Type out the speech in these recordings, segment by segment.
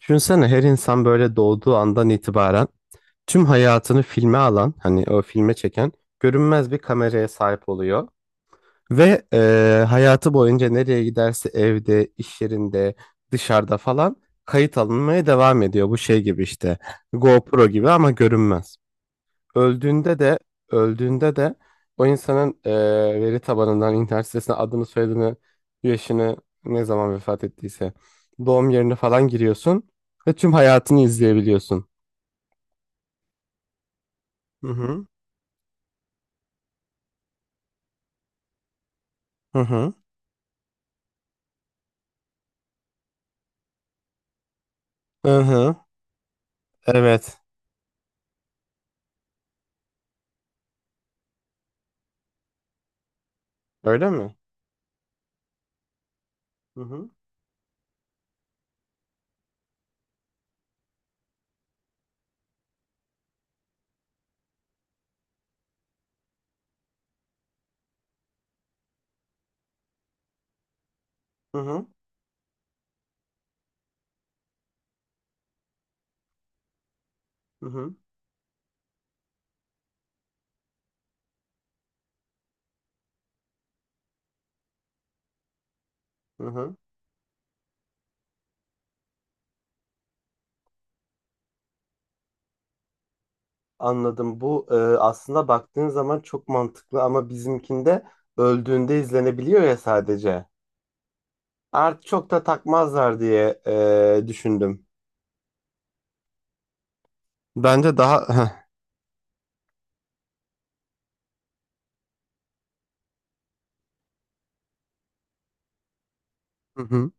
Düşünsene her insan böyle doğduğu andan itibaren tüm hayatını filme alan, hani o filme çeken görünmez bir kameraya sahip oluyor. Ve hayatı boyunca nereye giderse evde, iş yerinde, dışarıda falan kayıt alınmaya devam ediyor. Bu şey gibi işte GoPro gibi ama görünmez. Öldüğünde de öldüğünde de o insanın veri tabanından internet sitesine adını, soyadını, yaşını ne zaman vefat ettiyse doğum yerini falan giriyorsun ve tüm hayatını izleyebiliyorsun. Hı hı. Hı hı. Hı hı. Evet. Öyle mi? Hı hı. Hı hı. Hı hı. Hı hı. Anladım. Bu aslında baktığın zaman çok mantıklı ama bizimkinde öldüğünde izlenebiliyor ya sadece. Artık çok da takmazlar diye düşündüm. Bence daha Hı hı.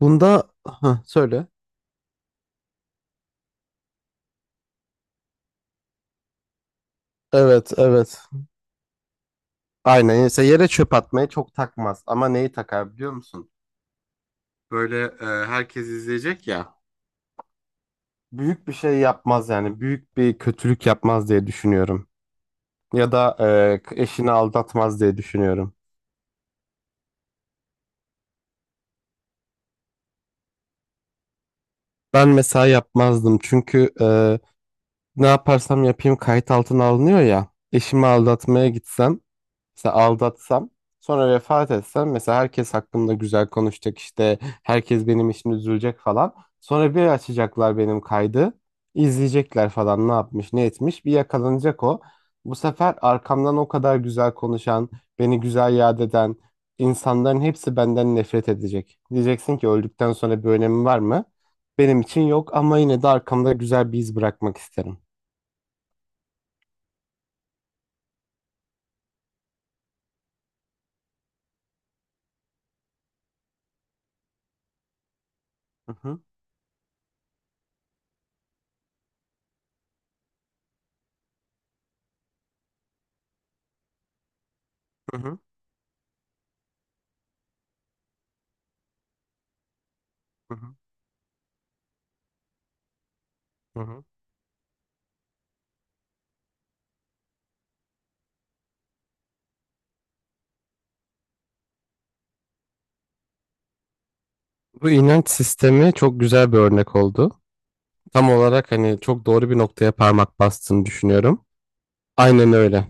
Bunda Hah, söyle. Evet, evet. Aynen. Mesela yere çöp atmayı çok takmaz. Ama neyi takar biliyor musun? Böyle herkes izleyecek ya. Büyük bir şey yapmaz yani. Büyük bir kötülük yapmaz diye düşünüyorum. Ya da eşini aldatmaz diye düşünüyorum. Ben mesela yapmazdım. Çünkü ne yaparsam yapayım kayıt altına alınıyor ya. Eşimi aldatmaya gitsem, mesela aldatsam sonra vefat etsem mesela herkes hakkımda güzel konuşacak, işte herkes benim için üzülecek falan. Sonra bir açacaklar benim kaydı, izleyecekler falan, ne yapmış ne etmiş bir yakalanacak o. Bu sefer arkamdan o kadar güzel konuşan, beni güzel yad eden insanların hepsi benden nefret edecek. Diyeceksin ki öldükten sonra bir önemi var mı? Benim için yok ama yine de arkamda güzel bir iz bırakmak isterim. Hı hı, hı hı, hı hı. Bu inanç sistemi çok güzel bir örnek oldu. Tam olarak hani çok doğru bir noktaya parmak bastığını düşünüyorum. Aynen öyle.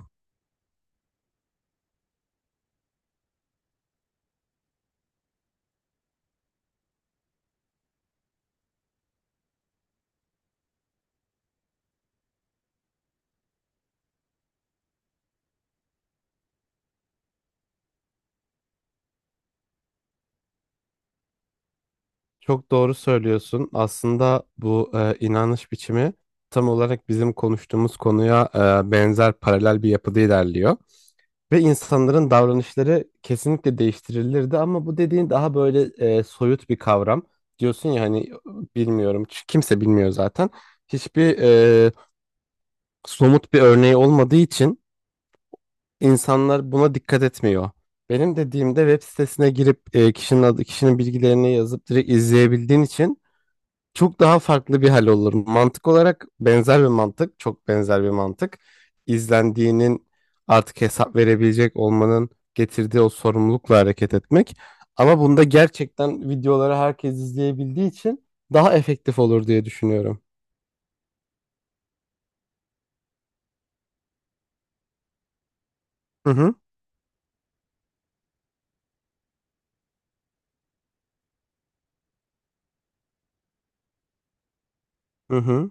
Çok doğru söylüyorsun. Aslında bu inanış biçimi tam olarak bizim konuştuğumuz konuya benzer paralel bir yapıda ilerliyor. Ve insanların davranışları kesinlikle değiştirilirdi ama bu dediğin daha böyle soyut bir kavram. Diyorsun ya hani bilmiyorum, kimse bilmiyor zaten. Hiçbir somut bir örneği olmadığı için İnsanlar buna dikkat etmiyor. Benim dediğimde web sitesine girip kişinin adı, kişinin bilgilerini yazıp direkt izleyebildiğin için çok daha farklı bir hal olur. Mantık olarak benzer bir mantık, çok benzer bir mantık. İzlendiğinin, artık hesap verebilecek olmanın getirdiği o sorumlulukla hareket etmek. Ama bunda gerçekten videoları herkes izleyebildiği için daha efektif olur diye düşünüyorum. Hı hı. Hı hı.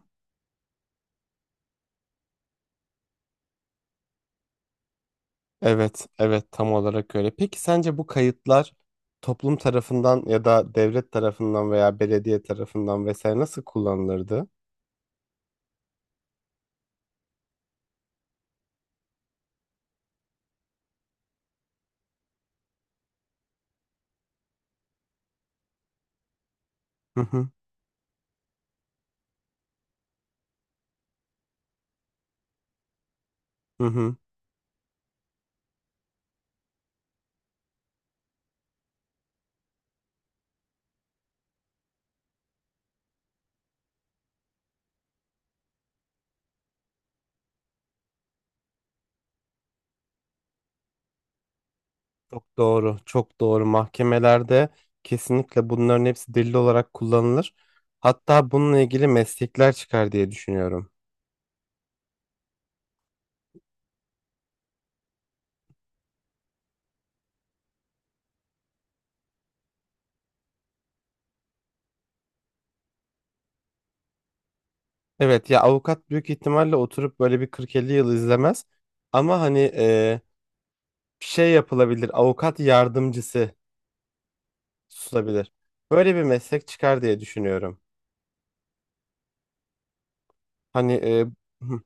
Evet, evet, tam olarak öyle. Peki sence bu kayıtlar toplum tarafından ya da devlet tarafından veya belediye tarafından vesaire nasıl kullanılırdı? Hı hı, hı hı. Çok doğru, çok doğru. Mahkemelerde kesinlikle bunların hepsi delil olarak kullanılır. Hatta bununla ilgili meslekler çıkar diye düşünüyorum. Evet ya, avukat büyük ihtimalle oturup böyle bir 40-50 yıl izlemez. Ama hani bir şey yapılabilir. Avukat yardımcısı tutulabilir. Böyle bir meslek çıkar diye düşünüyorum. Hani hı,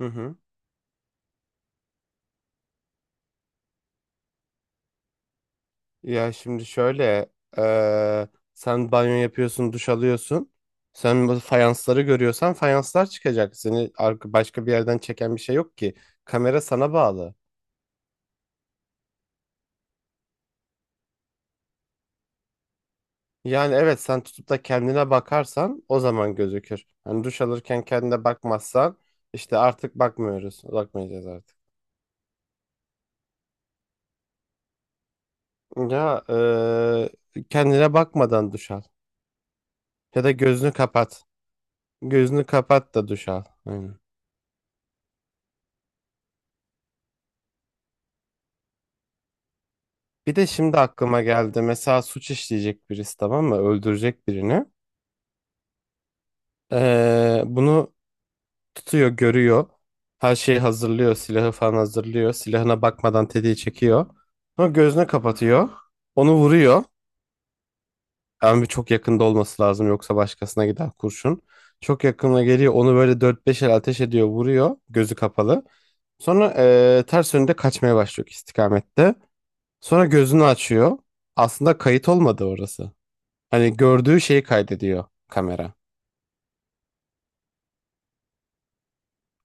hı hı. Ya şimdi şöyle e, sen banyo yapıyorsun, duş alıyorsun. Sen bu fayansları görüyorsan fayanslar çıkacak. Seni başka bir yerden çeken bir şey yok ki. Kamera sana bağlı. Yani evet, sen tutup da kendine bakarsan o zaman gözükür. Hani duş alırken kendine bakmazsan, işte artık bakmıyoruz. Bakmayacağız artık. Ya kendine bakmadan duş al. Ya da gözünü kapat. Gözünü kapat da duş al. Aynen. Bir de şimdi aklıma geldi. Mesela suç işleyecek birisi, tamam mı? Öldürecek birini. Bunu tutuyor, görüyor. Her şeyi hazırlıyor. Silahı falan hazırlıyor. Silahına bakmadan tetiği çekiyor. Sonra gözünü kapatıyor. Onu vuruyor. Ama çok yakında olması lazım, yoksa başkasına gider kurşun. Çok yakına geliyor, onu böyle dört beş el ateş ediyor, vuruyor gözü kapalı. Sonra ters yönde kaçmaya başlıyor istikamette. Sonra gözünü açıyor. Aslında kayıt olmadı orası. Hani gördüğü şeyi kaydediyor kamera.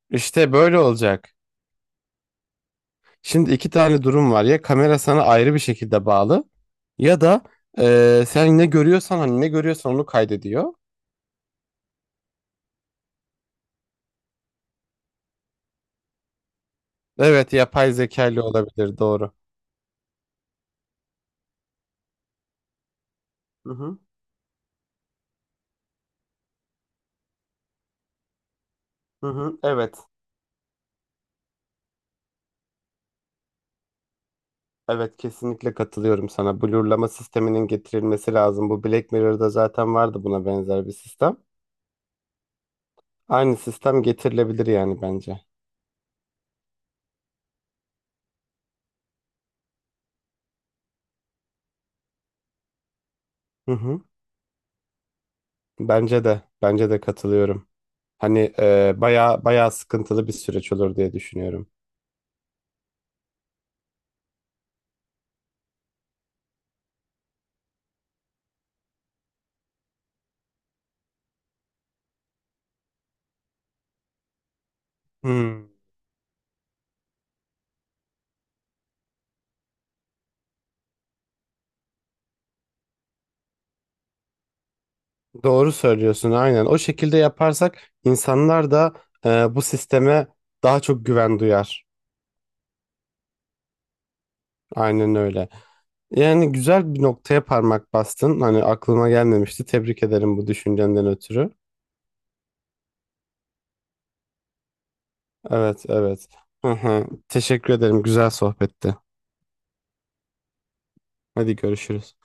İşte böyle olacak. Şimdi iki tane durum var. Ya kamera sana ayrı bir şekilde bağlı, ya da sen ne görüyorsan, hani ne görüyorsan onu kaydediyor. Evet, yapay zekalı olabilir, doğru. Hı hı. Hı hı, evet. Evet, kesinlikle katılıyorum sana. Blurlama sisteminin getirilmesi lazım. Bu Black Mirror'da zaten vardı, buna benzer bir sistem. Aynı sistem getirilebilir yani, bence. Hı hı. Bence de. Bence de katılıyorum. Hani bayağı bayağı sıkıntılı bir süreç olur diye düşünüyorum. Hmm. Doğru söylüyorsun, aynen. O şekilde yaparsak insanlar da bu sisteme daha çok güven duyar. Aynen öyle. Yani güzel bir noktaya parmak bastın. Hani aklıma gelmemişti. Tebrik ederim bu düşüncenden ötürü. Evet, evet. Hı hı. Teşekkür ederim. Güzel sohbetti. Hadi görüşürüz.